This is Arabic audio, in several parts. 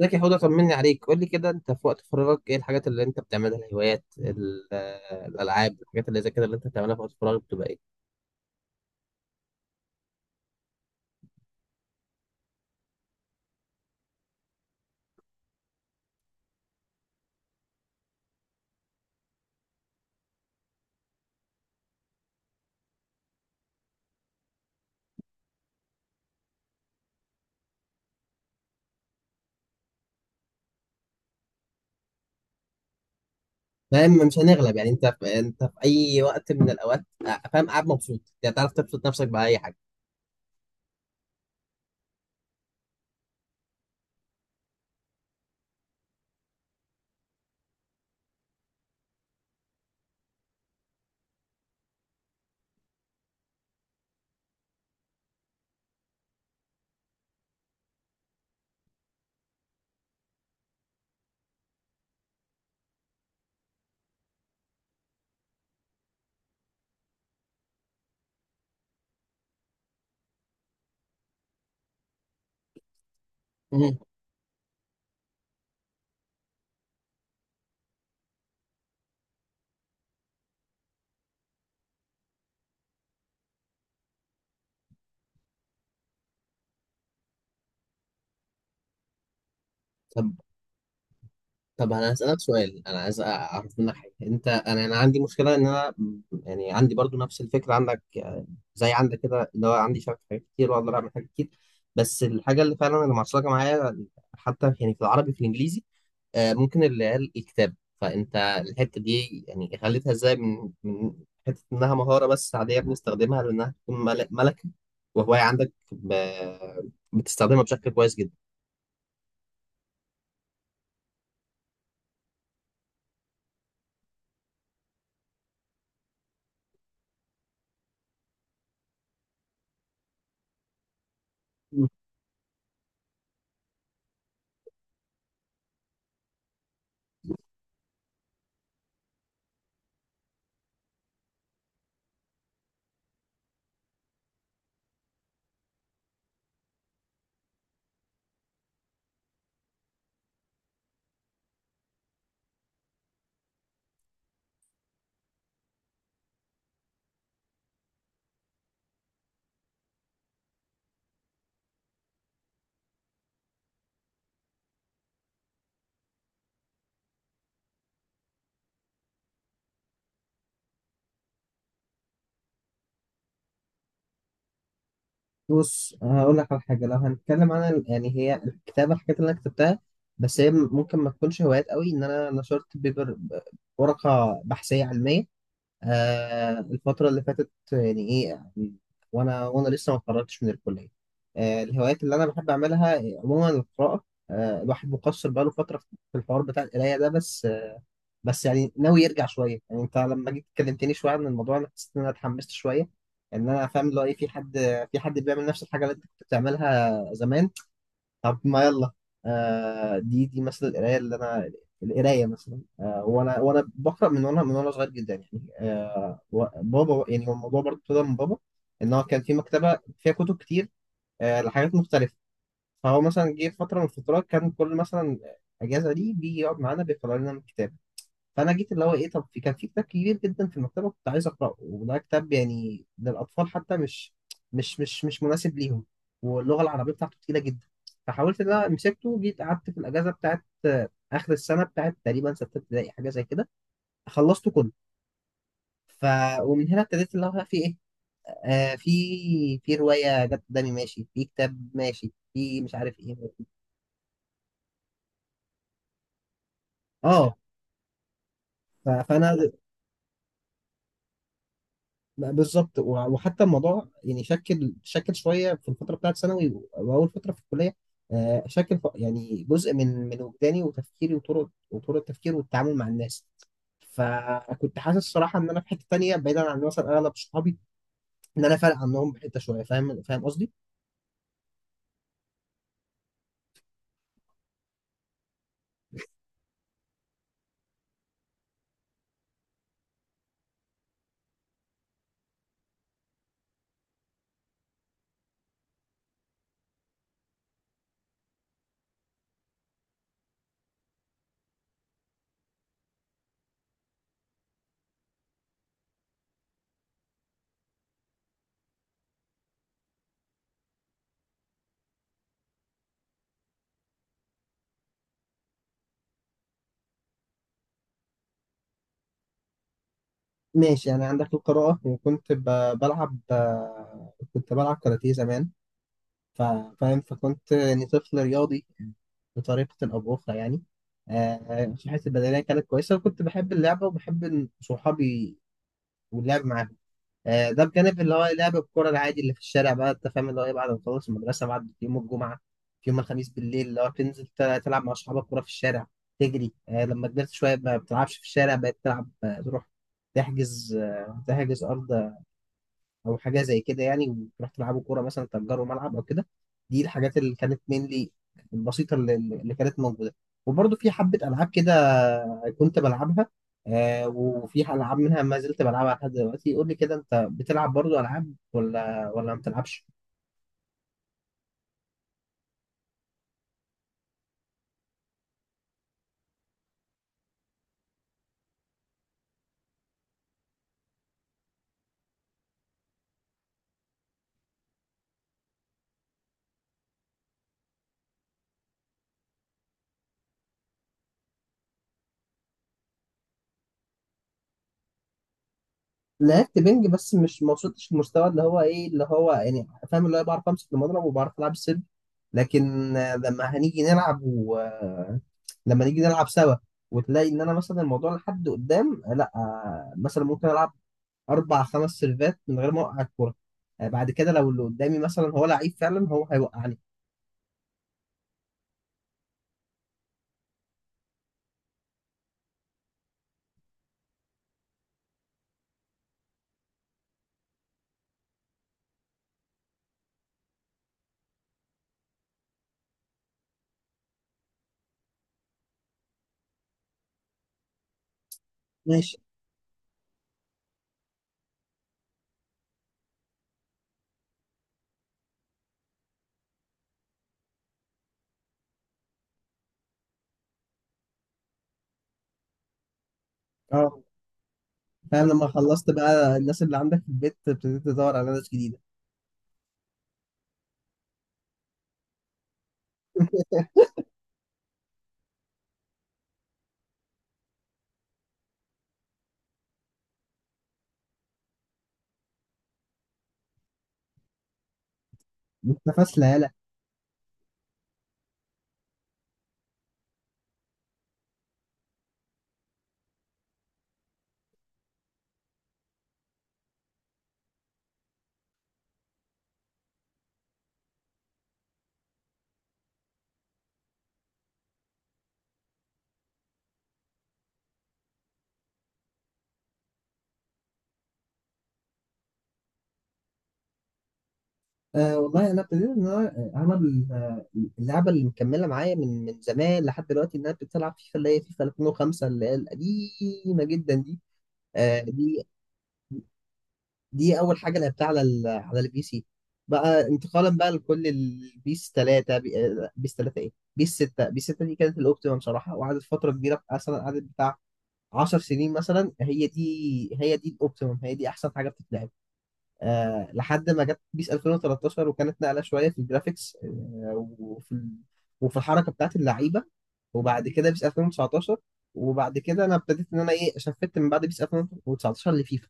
ازيك يا حوده؟ طمني عليك. قول لي كده، انت في وقت فراغك ايه الحاجات اللي انت بتعملها؟ الهوايات، الالعاب، الحاجات اللي زي كده اللي انت بتعملها في وقت فراغك بتبقى ايه؟ فاهم؟ مش هنغلب يعني. انت في اي وقت من الاوقات، فاهم، قاعد مبسوط؟ يعني تعرف تبسط نفسك باي حاجه؟ مم. طب طب انا هسألك سؤال، انا عايز اعرف منك حاجه. انت، انا عندي مشكله ان انا يعني عندي برضو نفس الفكره عندك، زي عندك كده، اللي هو عندي شغف في حاجات كتير واقدر اعمل حاجات كتير. بس الحاجه اللي فعلا اللي معصلجه معايا، حتى يعني في العربي في الانجليزي، ممكن العيال الكتاب. فانت الحته دي يعني خليتها ازاي؟ من حته انها مهاره بس عاديه بنستخدمها لانها تكون ملكه وهوايه عندك، بتستخدمها بشكل كويس جدا. بص هقول لك على حاجة. لو هنتكلم عن يعني هي الكتابة، الحاجات اللي أنا كتبتها بس هي ممكن ما تكونش هوايات قوي، إن أنا نشرت بيبر، ورقة بحثية علمية، آه، الفترة اللي فاتت يعني، إيه يعني، وأنا لسه ما اتخرجتش من الكلية. آه، الهوايات اللي أنا بحب أعملها عموما القراءة. آه، الواحد مقصر بقاله فترة في الحوار بتاع القراية ده، بس آه، بس يعني ناوي يرجع شوية. يعني أنت لما جيت كلمتني شوية عن الموضوع، أنا حسيت إن أنا اتحمست شوية، إن أنا فاهم اللي هو إيه في حد، في حد بيعمل نفس الحاجة اللي أنت كنت بتعملها زمان. طب ما يلا. آه، دي مثلا القرايه اللي انا، القرايه مثلا، آه وانا بقرا من وانا صغير جدا يعني، آه بابا يعني هو الموضوع برضه ابتدى من بابا، ان هو كان في مكتبه فيها كتب كتير، آه، لحاجات مختلفه. فهو مثلا جه في فتره من الفترات كان كل مثلا اجازه دي بيجي يقعد معانا بيقرا لنا من كتاب. فانا جيت اللي هو ايه، طب في، كان في كتاب كبير جدا في المكتبه كنت عايز اقراه، وده كتاب يعني للاطفال حتى، مش مش مناسب ليهم، واللغه العربيه بتاعته تقيله جدا. فحاولت ان انا مسكته، جيت قعدت في الاجازه بتاعت، اخر السنه، بتاعت تقريبا سته ابتدائي حاجه زي كده، خلصته كله. ف، ومن هنا ابتديت اللي هو في ايه، آه، في، في روايه جت قدامي، ماشي، في كتاب، ماشي، في مش عارف ايه. اه، فانا، بالظبط. وحتى الموضوع يعني شكل شويه في الفتره بتاعت ثانوي واول فتره في الكليه، آه، شكل يعني جزء من وجداني وتفكيري وطرق التفكير والتعامل مع الناس. فكنت حاسس صراحه ان انا في حته تانيه بعيدا عن مثلا اغلب صحابي، ان انا فارق عنهم بحته شويه. فاهم؟ فاهم قصدي؟ ماشي يعني عندك القراءه، وكنت بلعب، آه، كنت بلعب كاراتيه زمان، ف- فاهم؟ فكنت يعني طفل رياضي بطريقة أو بأخرى يعني. آه، صحتي البدنية كانت كويسة، وكنت بحب اللعبة وبحب إن صحابي واللعب معاهم. آه، ده بجانب اللي هو لعب الكورة العادي اللي في الشارع. بقى أنت فاهم اللي هو إيه، بعد ما تخلص المدرسة، بعد يوم الجمعة، في يوم الخميس بالليل، اللي هو تنزل تلعب مع أصحابك كورة في الشارع، تجري. آه، لما كبرت شوية ما بتلعبش في الشارع، بقيت تلعب، آه، تروح تحجز، آه، تحجز أرض او حاجه زي كده يعني، وتروح تلعبوا كوره، مثلا تأجروا ملعب او كده. دي الحاجات اللي كانت مينلي البسيطه اللي كانت موجوده. وبرضه في حبه العاب كده كنت بلعبها، آه، وفي العاب منها ما زلت بلعبها لحد دلوقتي. قول لي كده، انت بتلعب برضه العاب ولا ما بتلعبش؟ لعبت بنج بس مش، ما وصلتش للمستوى اللي هو ايه، اللي هو يعني فاهم، اللي هو بعرف امسك المضرب وبعرف العب السلم. لكن آه، لما هنيجي نلعب و، آه، لما نيجي نلعب سوا، وتلاقي ان انا مثلا الموضوع لحد قدام، آه، لا، آه، مثلا ممكن العب اربع خمس سيرفات من غير ما اوقع الكوره. آه، بعد كده لو اللي قدامي مثلا هو لعيب فعلا، هو هيوقعني. ماشي. اه فاهم، لما خلصت بقى الناس اللي عندك في البيت ابتديت تدور على ناس جديده. انت فاشله! أه والله، انا ابتديت ان انا، اللعبه اللي مكمله معايا من زمان لحد دلوقتي، ان انا ابتديت العب فيفا، اللي هي فيفا 2005 اللي هي القديمه جدا دي. أه، دي دي اول حاجه لعبتها على على البي سي. بقى انتقالا بقى لكل البيس 3، بيس 3، ايه، بيس 6. بيس 6 دي كانت الاوبتيمم بصراحه، وقعدت فتره كبيره، مثلا قعدت بتاع 10 سنين مثلا. هي دي، هي دي الاوبتيمم، هي دي احسن حاجه بتتلعب، آه، لحد ما جت بيس 2013 وكانت نقله شويه في الجرافيكس، آه، وفي الحركه بتاعت اللعيبه. وبعد كده بيس 2019، وبعد كده انا ابتديت ان انا ايه، شفت من بعد بيس 2019 لفيفا،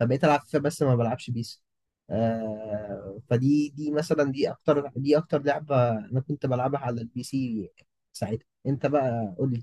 فبقيت العب فيفا بس ما بلعبش بيس. آه، فدي دي مثلا، دي اكتر لعبه انا كنت بلعبها على البي سي ساعتها. انت بقى قول لي.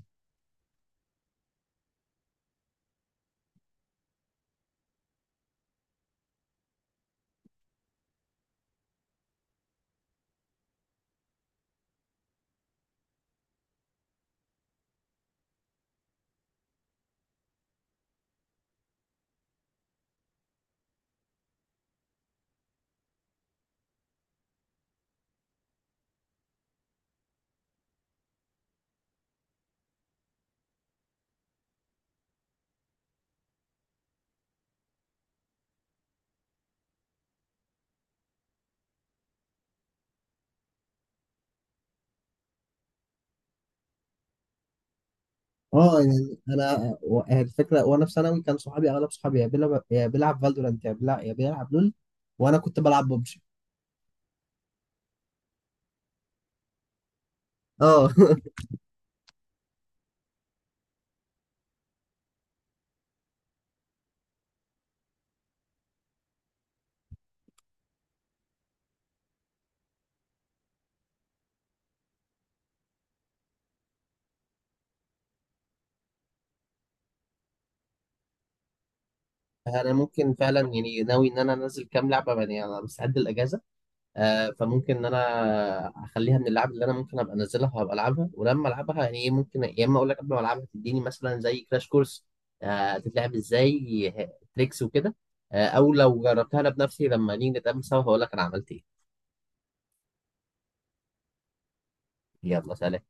اه، يعني انا و، يعني الفكره وانا في ثانوي كان صحابي، اغلب صحابي يا بيلعب، يا بيلعب فالدورانت، يا بيلعب، يا بيلعب لول، وانا كنت بلعب ببجي. اه انا ممكن فعلا يعني ناوي ان انا انزل كام لعبه. يعني انا مستعد الاجازه، آه، فممكن ان انا اخليها من اللعب اللي انا ممكن ابقى انزلها وابقى العبها. ولما العبها يعني ايه، ممكن يا اما اقول لك قبل ما العبها تديني مثلا زي كراش كورس، آه، تتلعب ازاي، تريكس وكده، آه، او لو جربتها انا بنفسي لما نيجي نتقابل سوا هقول لك انا عملت ايه. يلا سلام.